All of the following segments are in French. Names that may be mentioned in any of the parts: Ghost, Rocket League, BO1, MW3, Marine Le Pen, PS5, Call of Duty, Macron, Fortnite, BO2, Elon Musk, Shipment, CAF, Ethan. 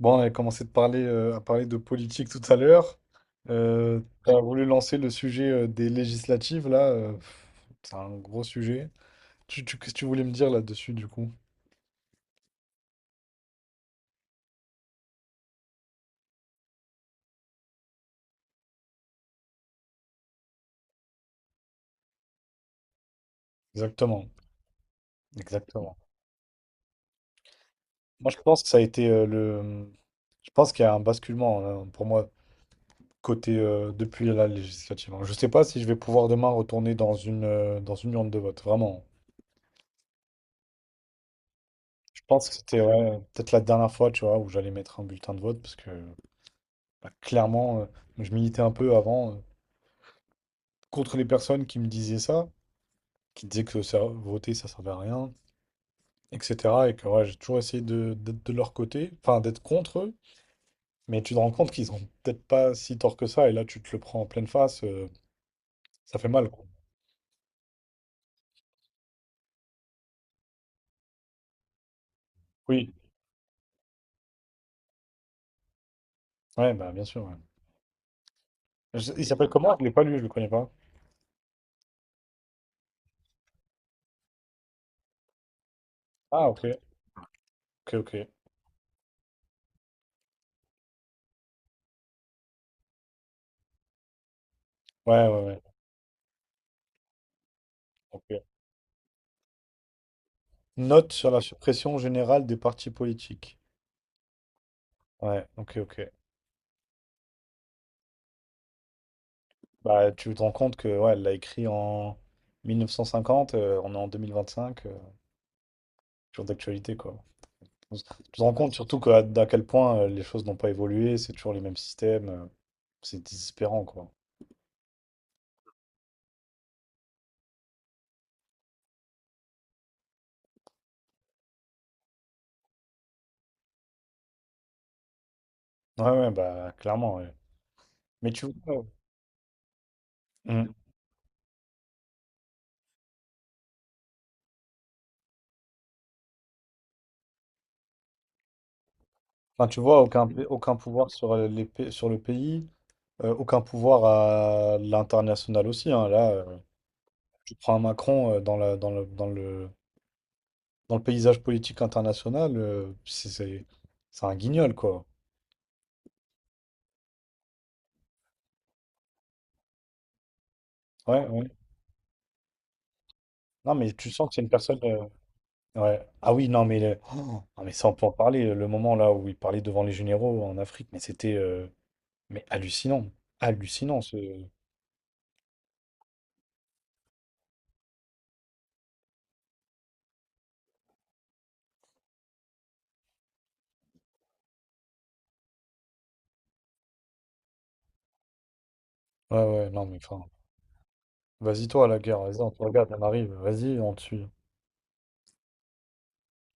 Bon, on avait commencé de parler, à parler de politique tout à l'heure. Euh, Tu as voulu lancer le sujet des législatives, là. C'est un gros sujet. Qu'est-ce que tu voulais me dire là-dessus, du coup? Exactement. Exactement. Moi, je pense que ça a été. Je pense qu'il y a un basculement, pour moi, côté depuis la législative. Hein. Je sais pas si je vais pouvoir demain retourner dans une urne de vote, vraiment. Je pense que c'était, ouais, peut-être la dernière fois, tu vois, où j'allais mettre un bulletin de vote, parce que. Bah, clairement, je militais un peu avant contre les personnes qui me disaient ça, qui disaient que voter ça servait à rien, etc. Et que, ouais, j'ai toujours essayé d'être de leur côté, enfin d'être contre eux, mais tu te rends compte qu'ils ont peut-être pas si tort que ça, et là tu te le prends en pleine face, ça fait mal, quoi. Oui, ouais, bah bien sûr. Ouais. Il s'appelle comment? Je l'ai pas lu, je le connais pas. Ah, ok, ok, ok. Ouais, ouais, ouais. Ok. Note sur la suppression générale des partis politiques. Ouais, ok, ok. Bah, tu te rends compte que, ouais, elle l'a écrit en 1950, on est en 2025, toujours d'actualité quoi. Tu te rends compte surtout que, d'à quel point les choses n'ont pas évolué, c'est toujours les mêmes systèmes, c'est désespérant quoi. Ouais, ouais, bah clairement, ouais. Mais tu vois, Mm. Enfin, tu vois aucun pouvoir sur, sur le pays, aucun pouvoir à l'international aussi. Hein. Là, tu prends un Macron dans la, dans le, dans le, dans le paysage politique international, c'est un guignol quoi. Ouais, ouais. Non, mais tu sens que c'est une personne. Ouais. Ah oui, non, mais, oh, ah, mais ça, on peut en parler. Le moment là où il parlait devant les généraux en Afrique, mais c'était mais hallucinant. Hallucinant, ce. Ouais, ouais, non, mais enfin. Vas-y, toi, à la guerre, vas-y, on te regarde, on arrive. Vas-y, on te suit.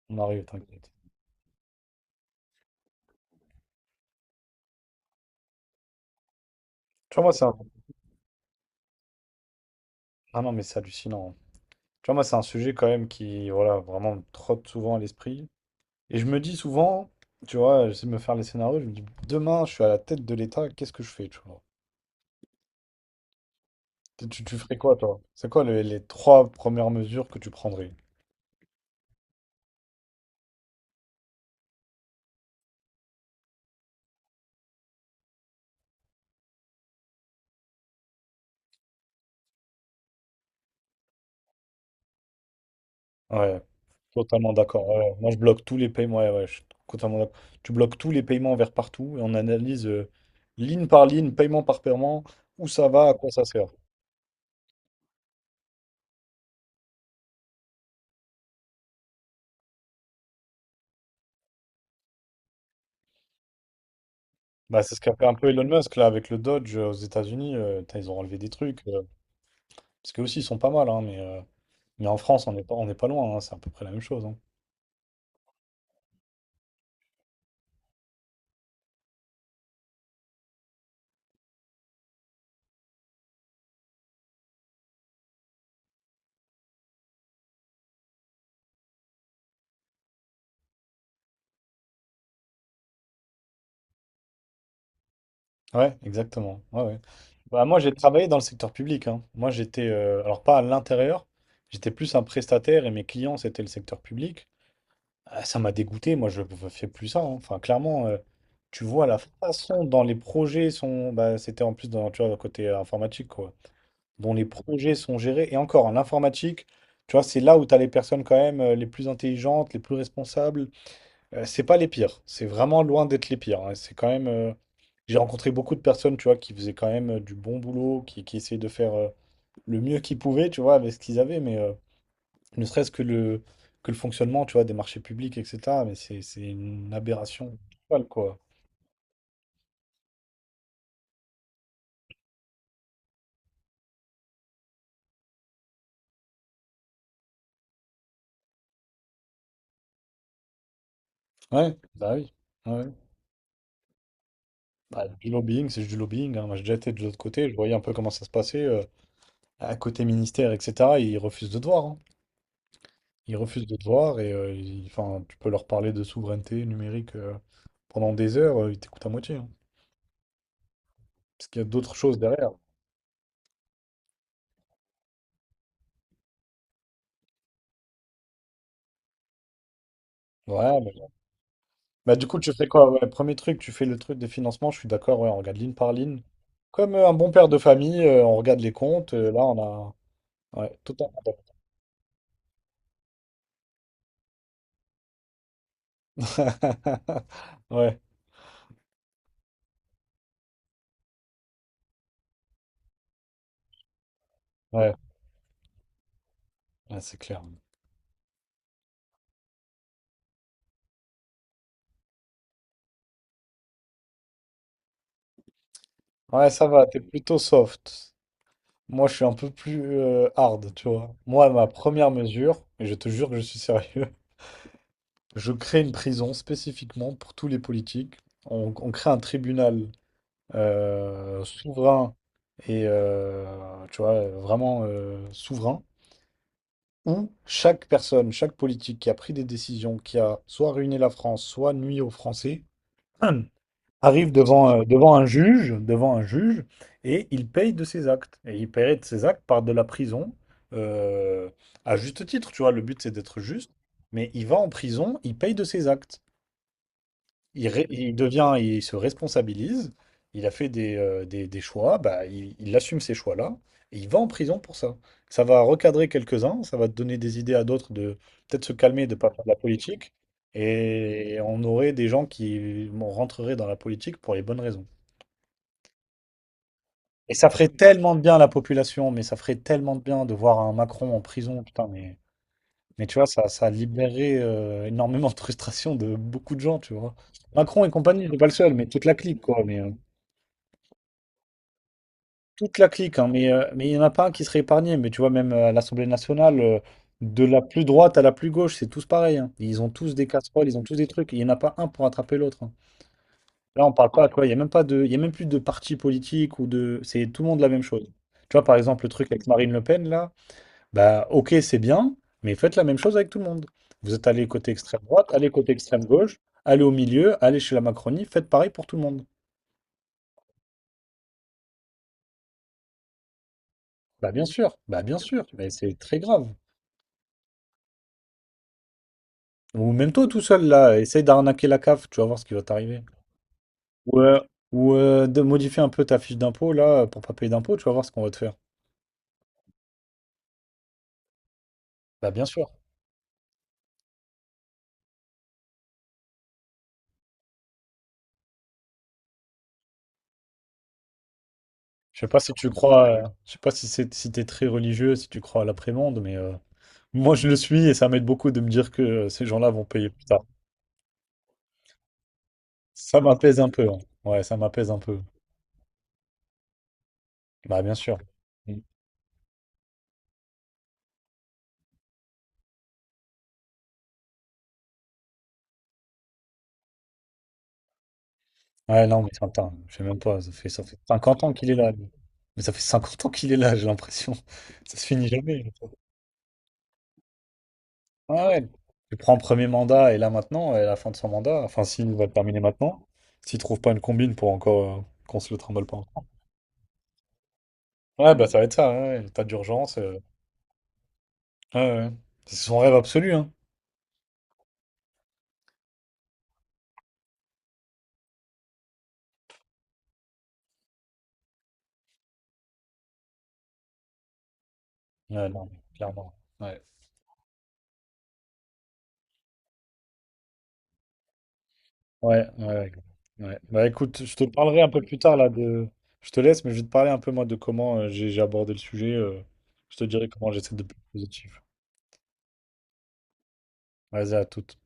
On arrive, t'inquiète. Tu vois, moi, c'est un. Ah non, mais c'est hallucinant. Tu vois, moi, c'est un sujet quand même qui, voilà, vraiment me trotte souvent à l'esprit. Et je me dis souvent, tu vois, j'essaie de me faire les scénarios, je me dis, demain, je suis à la tête de l'État, qu'est-ce que je fais, tu vois? Tu ferais quoi, toi? C'est quoi les trois premières mesures que tu prendrais? Ouais, totalement d'accord. Ouais. Ouais. Moi, je bloque tous les paiements. Ouais, ouais, je suis totalement d'accord. Tu bloques tous les paiements vers partout et on analyse ligne par ligne, paiement par paiement, où ça va, à quoi ça sert. Bah, c'est ce qu'a fait un peu Elon Musk là avec le Dodge aux États-Unis. Putain, ils ont enlevé des trucs, parce que aussi, ils sont pas mal, hein, mais en France, on n'est pas loin, hein, c'est à peu près la même chose. Hein. Ouais, exactement. Ouais, ouais. Bah, moi, j'ai travaillé dans le secteur public. Hein. Moi, j'étais, alors pas à l'intérieur, j'étais plus un prestataire et mes clients, c'était le secteur public. Ah, ça m'a dégoûté, moi je ne fais plus ça. Hein. Enfin, clairement, tu vois la façon dont les projets sont. Bah, c'était en plus dans, tu vois, le côté informatique, quoi. Dont les projets sont gérés. Et encore, en informatique, tu vois, c'est là où tu as les personnes quand même les plus intelligentes, les plus responsables. C'est pas les pires. C'est vraiment loin d'être les pires. Hein. C'est quand même. J'ai rencontré beaucoup de personnes, tu vois, qui faisaient quand même du bon boulot, qui essayaient de faire le mieux qu'ils pouvaient, tu vois, avec ce qu'ils avaient. Ne serait-ce que le fonctionnement, tu vois, des marchés publics, etc. Mais c'est une aberration totale, quoi. Ouais, bah oui. Ouais. Bah, du lobbying, c'est juste du lobbying. Hein. Moi, j'ai déjà été de l'autre côté, je voyais un peu comment ça se passait. À côté ministère, etc., ils refusent de te voir. Hein. Ils refusent de te voir et enfin, tu peux leur parler de souveraineté numérique pendant des heures, ils t'écoutent à moitié. Hein. Parce qu'il y a d'autres choses derrière. Ouais, mais bah du coup tu fais quoi? Ouais, premier truc, tu fais le truc de financement, je suis d'accord, ouais, on regarde ligne par ligne. Comme un bon père de famille, on regarde les comptes, là on a. Ouais, tout un. Ouais, ouais, ouais, c'est clair. Ouais, ça va, t'es plutôt soft. Moi je suis un peu plus hard, tu vois. Moi, ma première mesure, et je te jure que je suis sérieux, je crée une prison spécifiquement pour tous les politiques. On crée un tribunal souverain et tu vois, vraiment souverain, où chaque personne, chaque politique qui a pris des décisions, qui a soit ruiné la France, soit nuit aux Français, arrive devant un juge, et il paye de ses actes. Et il paierait de ses actes par de la prison, euh, à juste titre, tu vois, le but c'est d'être juste, mais il va en prison, il paye de ses actes il devient, il se responsabilise, il a fait des choix, bah, il assume ces choix-là, et il va en prison pour ça. Ça va recadrer quelques-uns, ça va donner des idées à d'autres de peut-être se calmer, de ne pas faire de la politique, et on aurait des gens qui bon, rentreraient dans la politique pour les bonnes raisons. Et ça ferait tellement de bien à la population, mais ça ferait tellement de bien de voir un Macron en prison, putain, mais tu vois, ça libérerait énormément de frustration de beaucoup de gens, tu vois. Macron et compagnie, c'est pas le seul, mais toute la clique, quoi. Toute la clique, hein, mais il n'y en a pas un qui serait épargné. Mais tu vois, même à l'Assemblée nationale, de la plus droite à la plus gauche, c'est tous pareil. Hein. Ils ont tous des casseroles, ils ont tous des trucs. Il n'y en a pas un pour attraper l'autre. Hein. Là, on parle pas, tu vois, il n'y a même pas de, il y a même plus de parti politique ou de, c'est tout le monde la même chose. Tu vois, par exemple, le truc avec Marine Le Pen, là, bah, ok, c'est bien, mais faites la même chose avec tout le monde. Vous êtes allé côté extrême droite, allez côté extrême gauche, allez au milieu, allez chez la Macronie, faites pareil pour tout le monde. Bah, bien sûr, mais c'est très grave. Ou même toi tout seul là, essaye d'arnaquer la CAF, tu vas voir ce qui va t'arriver. Ou, euh, ou De modifier un peu ta fiche d'impôt là pour pas payer d'impôt, tu vas voir ce qu'on va te faire. Bah bien sûr. Je sais pas si tu crois, je sais pas si c'est si t'es très religieux, si tu crois à l'après-monde, moi je le suis et ça m'aide beaucoup de me dire que ces gens-là vont payer plus tard. Ça m'apaise un peu. Hein. Ouais, ça m'apaise un peu. Bah bien sûr. Mm. Ouais, non, mais attends, je sais même pas, ça fait 50 ans qu'il est là. Lui. Mais ça fait 50 ans qu'il est là, j'ai l'impression. Ça se finit jamais. Ah ouais. Tu prends premier mandat et là maintenant, et à la fin de son mandat, enfin s'il va le terminer maintenant, s'il trouve pas une combine pour encore qu'on se le trimballe pas. Ouais, bah ça va être ça, ouais, ouais, l'état d'urgence. Ouais, ouais. C'est son rêve absolu, hein. Ouais, non, mais clairement. Ouais. Ouais, ouais, ouais. Ouais. Bah écoute, je te parlerai un peu plus tard là de. Je te laisse, mais je vais te parler un peu moi de comment j'ai abordé le sujet. Je te dirai comment j'essaie de plus positif. Vas-y, à toute.